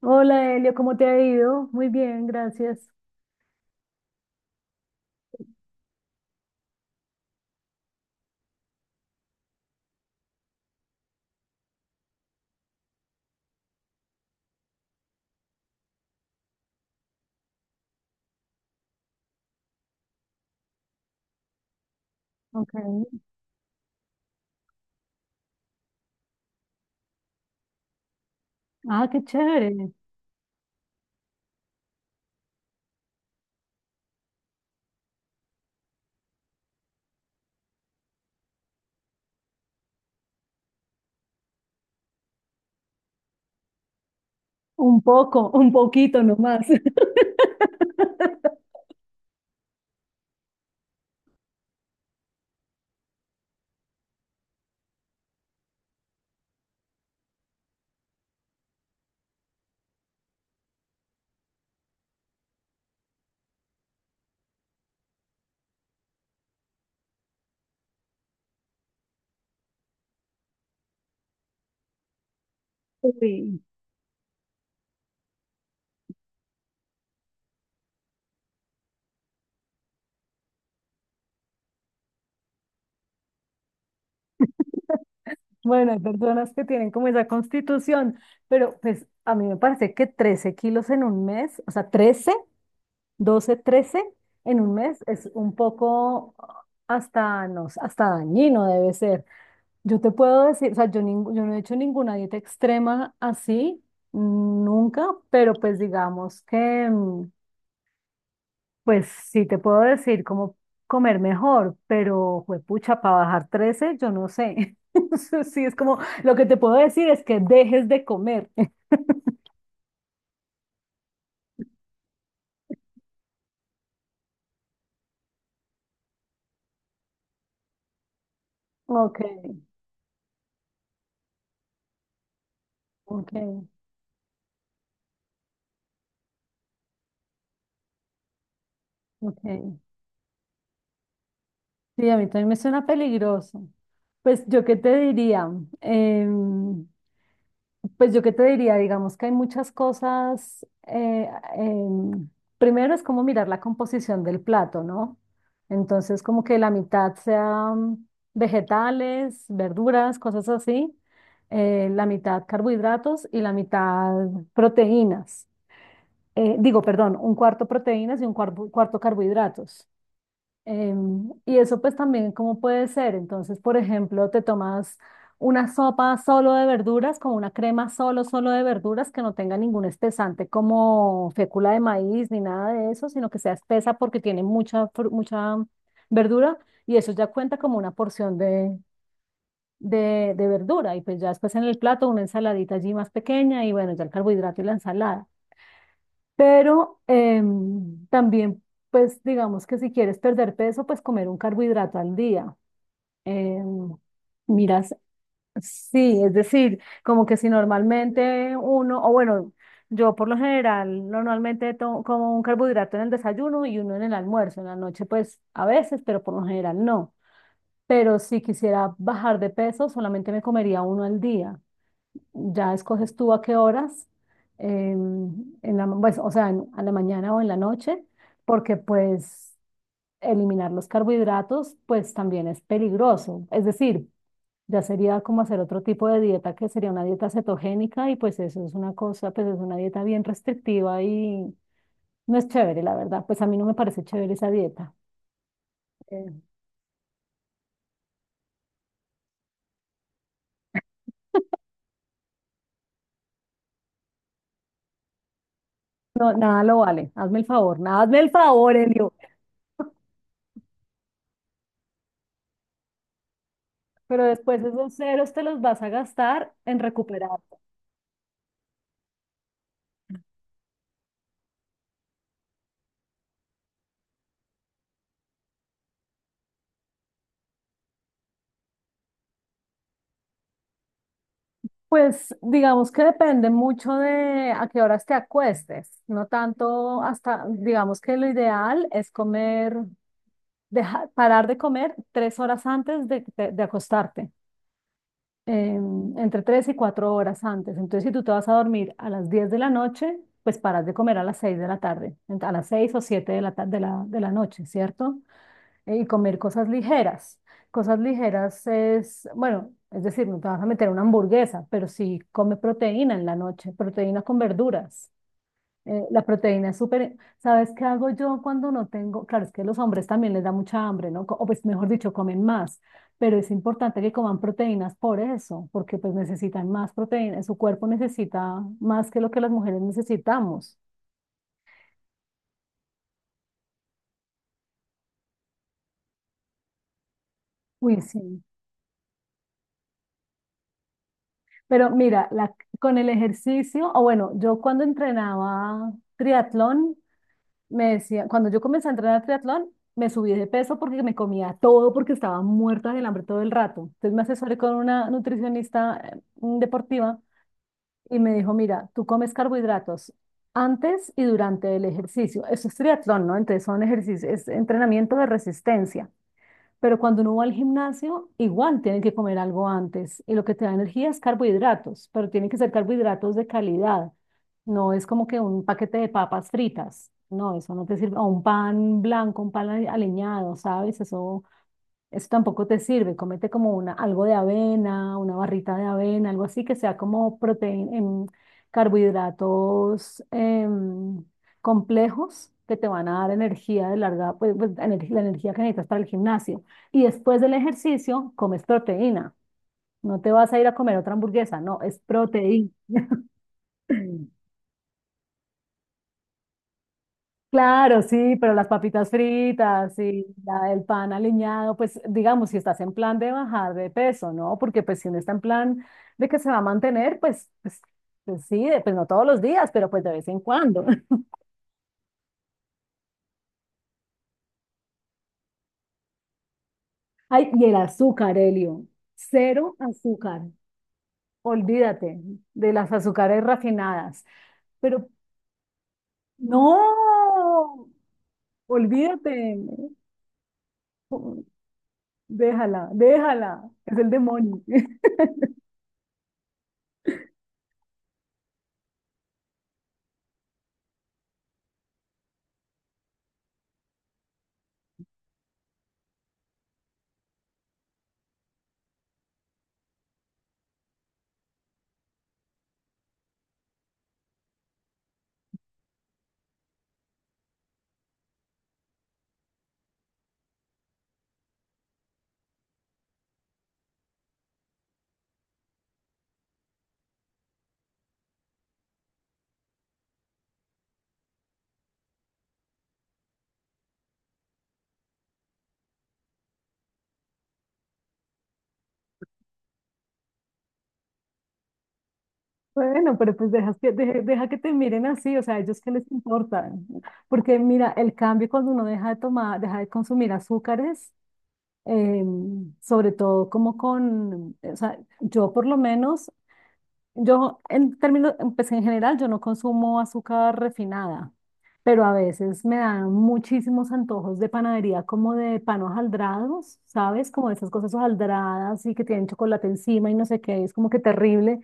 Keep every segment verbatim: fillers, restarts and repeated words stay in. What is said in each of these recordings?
Hola Elio, ¿cómo te ha ido? Muy bien, gracias. Ok. Ah, qué chévere. Un poco, un poquito nomás. Sí. Bueno, hay personas que tienen como esa constitución, pero pues a mí me parece que trece kilos en un mes, o sea, trece, doce, trece en un mes es un poco hasta, no sé, hasta dañino debe ser. Yo te puedo decir, o sea, yo, ning- yo no he hecho ninguna dieta extrema así, nunca, pero pues digamos que... mm, pues sí, te puedo decir cómo comer mejor, pero juepucha para bajar trece, yo no sé. Eso sí, es como, lo que te puedo decir es que dejes de comer. Ok, ok, ok. Sí, a mí también me suena peligroso. Pues yo qué te diría, Em, Pues yo qué te diría, digamos que hay muchas cosas. Eh, em, primero es como mirar la composición del plato, ¿no? Entonces, como que la mitad sean vegetales, verduras, cosas así, eh, la mitad carbohidratos y la mitad proteínas. Eh, digo, perdón, un cuarto proteínas y un cuarto, cuarto carbohidratos. Em, y eso pues también cómo puede ser. Entonces, por ejemplo, te tomas una sopa solo de verduras, como una crema solo, solo de verduras, que no tenga ningún espesante como fécula de maíz ni nada de eso, sino que sea espesa porque tiene mucha, fru- mucha verdura y eso ya cuenta como una porción de, de, de verdura. Y pues ya después en el plato una ensaladita allí más pequeña y bueno, ya el carbohidrato y la ensalada. Pero em, también, pues digamos que si quieres perder peso, pues comer un carbohidrato al día. Em, Miras, sí, es decir, como que si normalmente uno, o bueno, yo por lo general normalmente to- como un carbohidrato en el desayuno y uno en el almuerzo, en la noche pues a veces, pero por lo general no. Pero si quisiera bajar de peso, solamente me comería uno al día. Ya escoges tú a qué horas, em, en la, pues, o sea, en- a la mañana o en la noche, porque pues eliminar los carbohidratos pues también es peligroso. Es decir, ya sería como hacer otro tipo de dieta que sería una dieta cetogénica y pues eso es una cosa, pues es una dieta bien restrictiva y no es chévere, la verdad. Pues a mí no me parece chévere esa dieta. Eh, no, nada lo vale. Hazme el favor, nada, hazme el favor, Elio. Pero después esos ceros te los vas a gastar en recuperar. Pues digamos que depende mucho de a qué horas te acuestes, no tanto hasta, digamos que lo ideal es comer, dejar, parar de comer tres horas antes de, de- de acostarte, eh, entre tres y cuatro horas antes. Entonces, si tú te vas a dormir a las diez de la noche, pues paras de comer a las seis de la tarde, ent- a las seis o siete de la, ta- de la, de la noche, ¿cierto? Eh, y comer cosas ligeras. Cosas ligeras es, bueno, es decir, no te vas a meter una hamburguesa, pero sí come proteína en la noche, proteína con verduras. Eh, la proteína es súper, ¿sabes qué hago yo cuando no tengo? Claro, es que los hombres también les da mucha hambre, ¿no? Co- O pues mejor dicho, comen más, pero es importante que coman proteínas por eso, porque pues necesitan más proteína, su cuerpo necesita más que lo que las mujeres necesitamos. Uy, sí. Pero mira, la- con el ejercicio, o bueno, yo cuando entrenaba triatlón, me decía, cuando yo comencé a entrenar triatlón, me subí de peso porque me comía todo, porque estaba muerta del hambre todo el rato. Entonces me asesoré con una nutricionista eh, deportiva y me dijo, mira, tú comes carbohidratos antes y durante el ejercicio. Eso es triatlón, ¿no? Entonces son ejercicios, es entrenamiento de resistencia. Pero cuando uno va al gimnasio, igual tienen que comer algo antes. Y lo que te da energía es carbohidratos, pero tienen que ser carbohidratos de calidad. No es como que un paquete de papas fritas. No, eso no te sirve. O un pan blanco, un pan ale- aliñado, ¿sabes? Eso eso tampoco te sirve. Comete como una, algo de avena, una barrita de avena, algo así que sea como proteína, carbohidratos em, complejos que te van a dar energía de larga, pues, pues, energ- la energía que necesitas para el gimnasio. Y después del ejercicio, comes proteína. No te vas a ir a comer otra hamburguesa, no, es proteína. Claro, sí, pero las papitas fritas y la- el pan aliñado, pues digamos, si estás en plan de bajar de peso, ¿no? Porque pues si uno está en plan de que se va a mantener, pues, pues, pues sí, de- pues no todos los días, pero pues de vez en cuando. Ay, y el azúcar, Elio, cero azúcar, olvídate de las azúcares refinadas, pero no, olvídate, no, déjala, déjala, es el demonio. Bueno, pero pues deja, que- deja, deja que te miren así, o sea, ¿a ellos qué les importa? Porque mira, el cambio cuando uno deja de tomar, deja de consumir azúcares, eh, sobre todo como con, o sea, yo por lo menos, yo en términos, pues en general yo no consumo azúcar refinada, pero a veces me dan muchísimos antojos de panadería como de pan hojaldrados, ¿sabes? Como de esas cosas hojaldradas y que tienen chocolate encima y no sé qué, es como que terrible.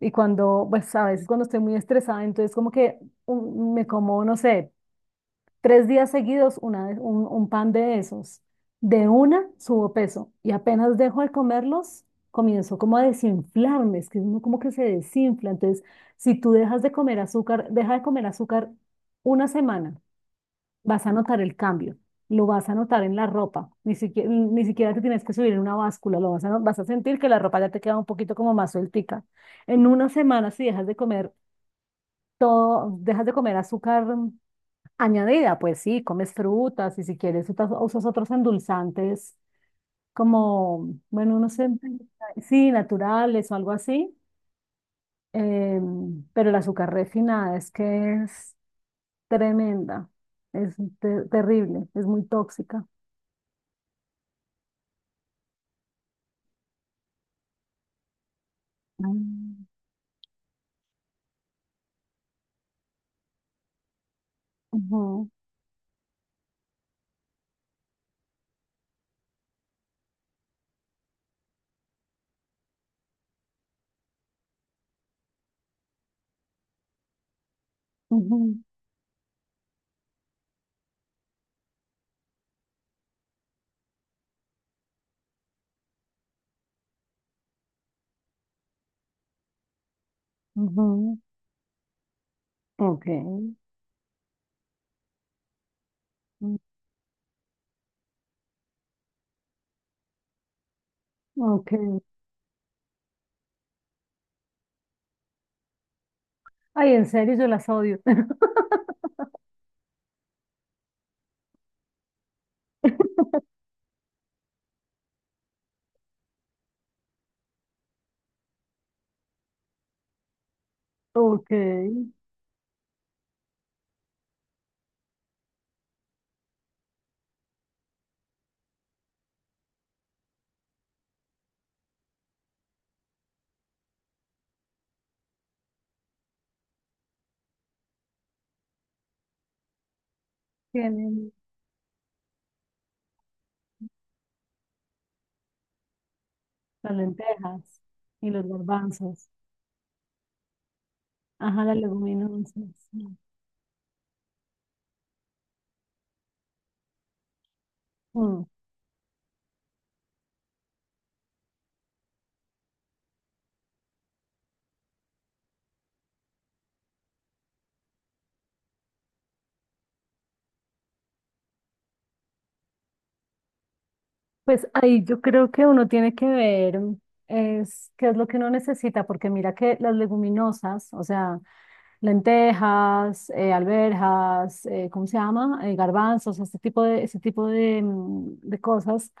Y cuando, pues a veces cuando estoy muy estresada, entonces como que un- me como, no sé, tres días seguidos una, de- un, un pan de esos. De una subo peso y apenas dejo de comerlos, comienzo como a desinflarme, es que uno como que se desinfla. Entonces, si tú dejas de comer azúcar, deja de comer azúcar una semana vas a notar el cambio, lo vas a notar en la ropa, ni siquiera, ni siquiera te tienes que subir en una báscula, lo vas a, vas a sentir que la ropa ya te queda un poquito como más sueltica. En una semana, si dejas de comer todo, dejas de comer azúcar añadida, pues sí, comes frutas y si quieres usas, usas otros endulzantes como, bueno, no sé, sí, naturales o algo así, eh, pero el azúcar refinada es que es tremenda, es te- terrible, es muy tóxica. Ah, ujú, ujú, ujú. Ok, mm, ok. Ay, en serio, yo las odio. Ok, tienen las lentejas y los garbanzos. Ajá, las leguminosas. Mm. Pues ahí yo creo que uno tiene que ver es qué es lo que uno necesita, porque mira que las leguminosas, o sea, lentejas, eh, alberjas, eh, ¿cómo se llama? Eh, garbanzos, este tipo de, ese tipo de, mm, de cosas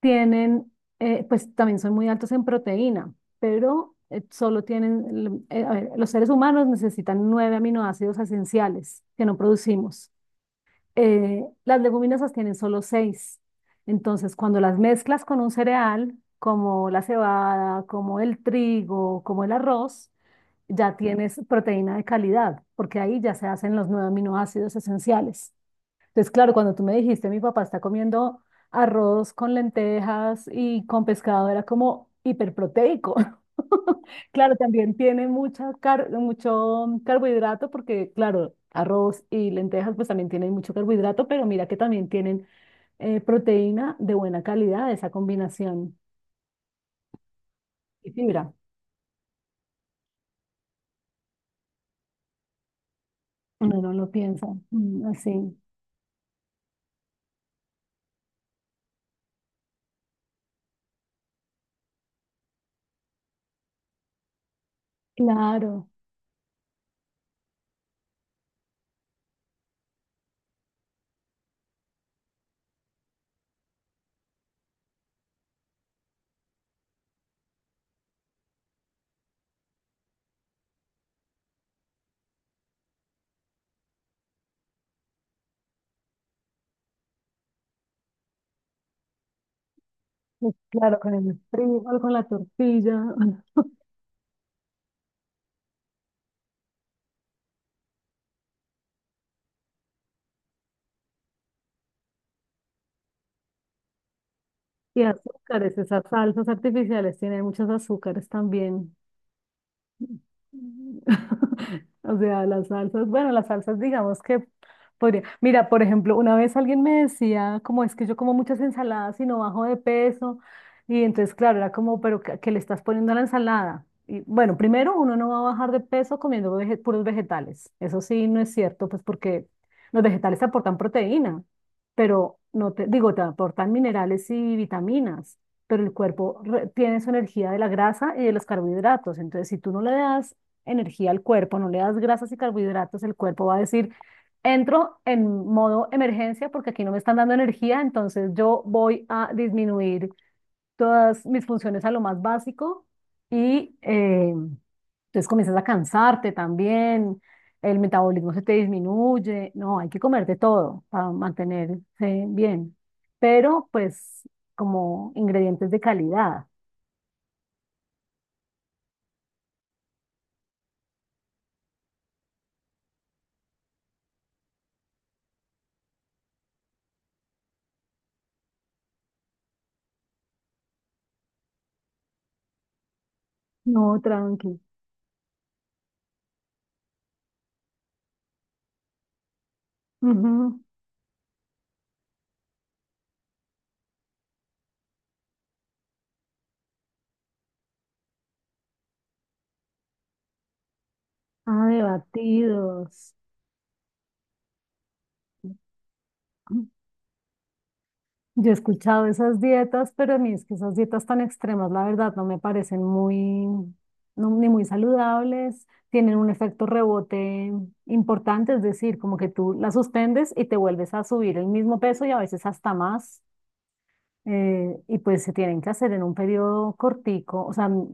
tienen, eh, pues también son muy altos en proteína, pero eh, solo tienen, eh, a ver, los seres humanos necesitan nueve aminoácidos esenciales que no producimos. Eh, las leguminosas tienen solo seis. Entonces, cuando las mezclas con un cereal, como la cebada, como el trigo, como el arroz, ya tienes proteína de calidad, porque ahí ya se hacen los nueve aminoácidos esenciales. Entonces, claro, cuando tú me dijiste, mi papá está comiendo arroz con lentejas y con pescado, era como hiperproteico. Claro, también tiene mucha car- mucho carbohidrato porque, claro, arroz y lentejas pues también tienen mucho carbohidrato, pero mira que también tienen eh, proteína de buena calidad, esa combinación y fibra. Uno no lo piensa mm, así. Claro, pues, claro, con el frijol, con la tortilla. Y azúcares, esas salsas artificiales tienen muchos azúcares también. O sea, las salsas, bueno, las salsas digamos que podría. Mira, por ejemplo, una vez alguien me decía, como es que yo como muchas ensaladas y no bajo de peso, y entonces, claro, era como, pero ¿qué, qué le estás poniendo a la ensalada? Y bueno, primero, uno no va a bajar de peso comiendo vege- puros vegetales. Eso sí, no es cierto, pues porque los vegetales te aportan proteína, pero no te, digo, te aportan minerales y vitaminas. Pero el cuerpo re- tiene su energía de la grasa y de los carbohidratos. Entonces, si tú no le das energía al cuerpo, no le das grasas y carbohidratos, el cuerpo va a decir, entro en modo emergencia porque aquí no me están dando energía, entonces yo voy a disminuir todas mis funciones a lo más básico y eh, entonces comienzas a cansarte también, el metabolismo se te disminuye, no, hay que comer de todo para mantenerse bien, pero pues como ingredientes de calidad. No, tranqui. Ujú. Ah, de batidos. Yo he escuchado esas dietas, pero a mí es que esas dietas tan extremas, la verdad, no me parecen muy, no, ni muy saludables, tienen un efecto rebote importante, es decir, como que tú las suspendes y te vuelves a subir el mismo peso y a veces hasta más, eh, y pues se tienen que hacer en un periodo cortico, o sea, m-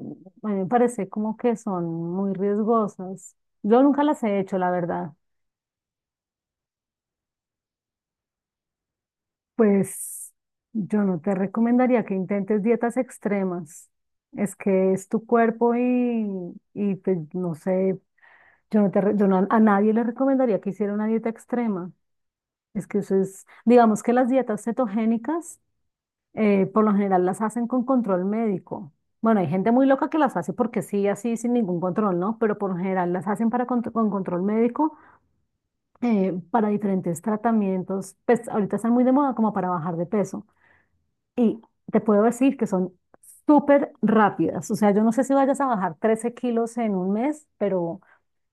a mí me parece como que son muy riesgosas. Yo nunca las he hecho, la verdad. Pues yo no te recomendaría que intentes dietas extremas. Es que es tu cuerpo y, y pues no sé, yo no te, re- yo no- a nadie le recomendaría que hiciera una dieta extrema. Es que eso es, digamos que las dietas cetogénicas eh, por lo general las hacen con control médico. Bueno, hay gente muy loca que las hace porque sí, así, sin ningún control, ¿no? Pero por lo general las hacen para contr- con control médico, eh, para diferentes tratamientos. Pues ahorita están muy de moda como para bajar de peso y te puedo decir que son súper rápidas. O sea, yo no sé si vayas a bajar trece kilos en un mes, pero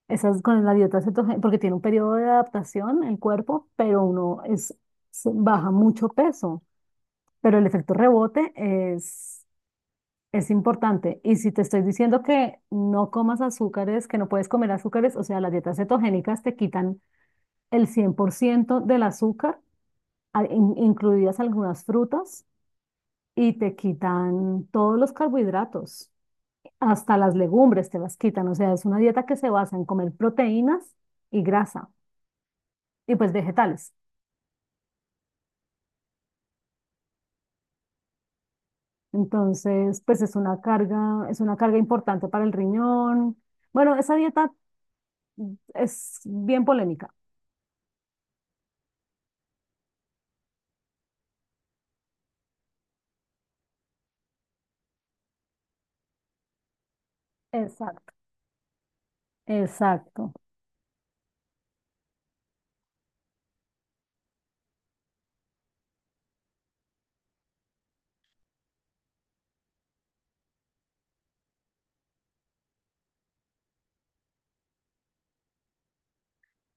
esas con la dieta cetogénica, porque tiene un periodo de adaptación el cuerpo, pero uno es, se- baja mucho peso. Pero el efecto rebote es, es importante. Y si te estoy diciendo que no comas azúcares, que no puedes comer azúcares, o sea, las dietas cetogénicas te quitan el cien por ciento del azúcar, a- in- incluidas algunas frutas y te quitan todos los carbohidratos, hasta las legumbres te las quitan. O sea, es una dieta que se basa en comer proteínas y grasa y pues vegetales. Entonces, pues es una carga, es una carga importante para el riñón. Bueno, esa dieta es bien polémica. Exacto. Exacto.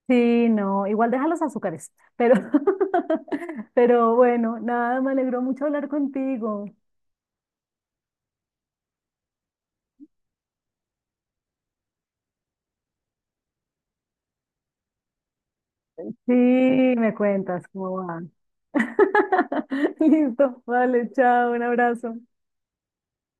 Sí, no, igual deja los azúcares, pero, pero bueno, nada, me alegró mucho hablar contigo. Sí, me cuentas cómo va. Listo, vale, chao, un abrazo.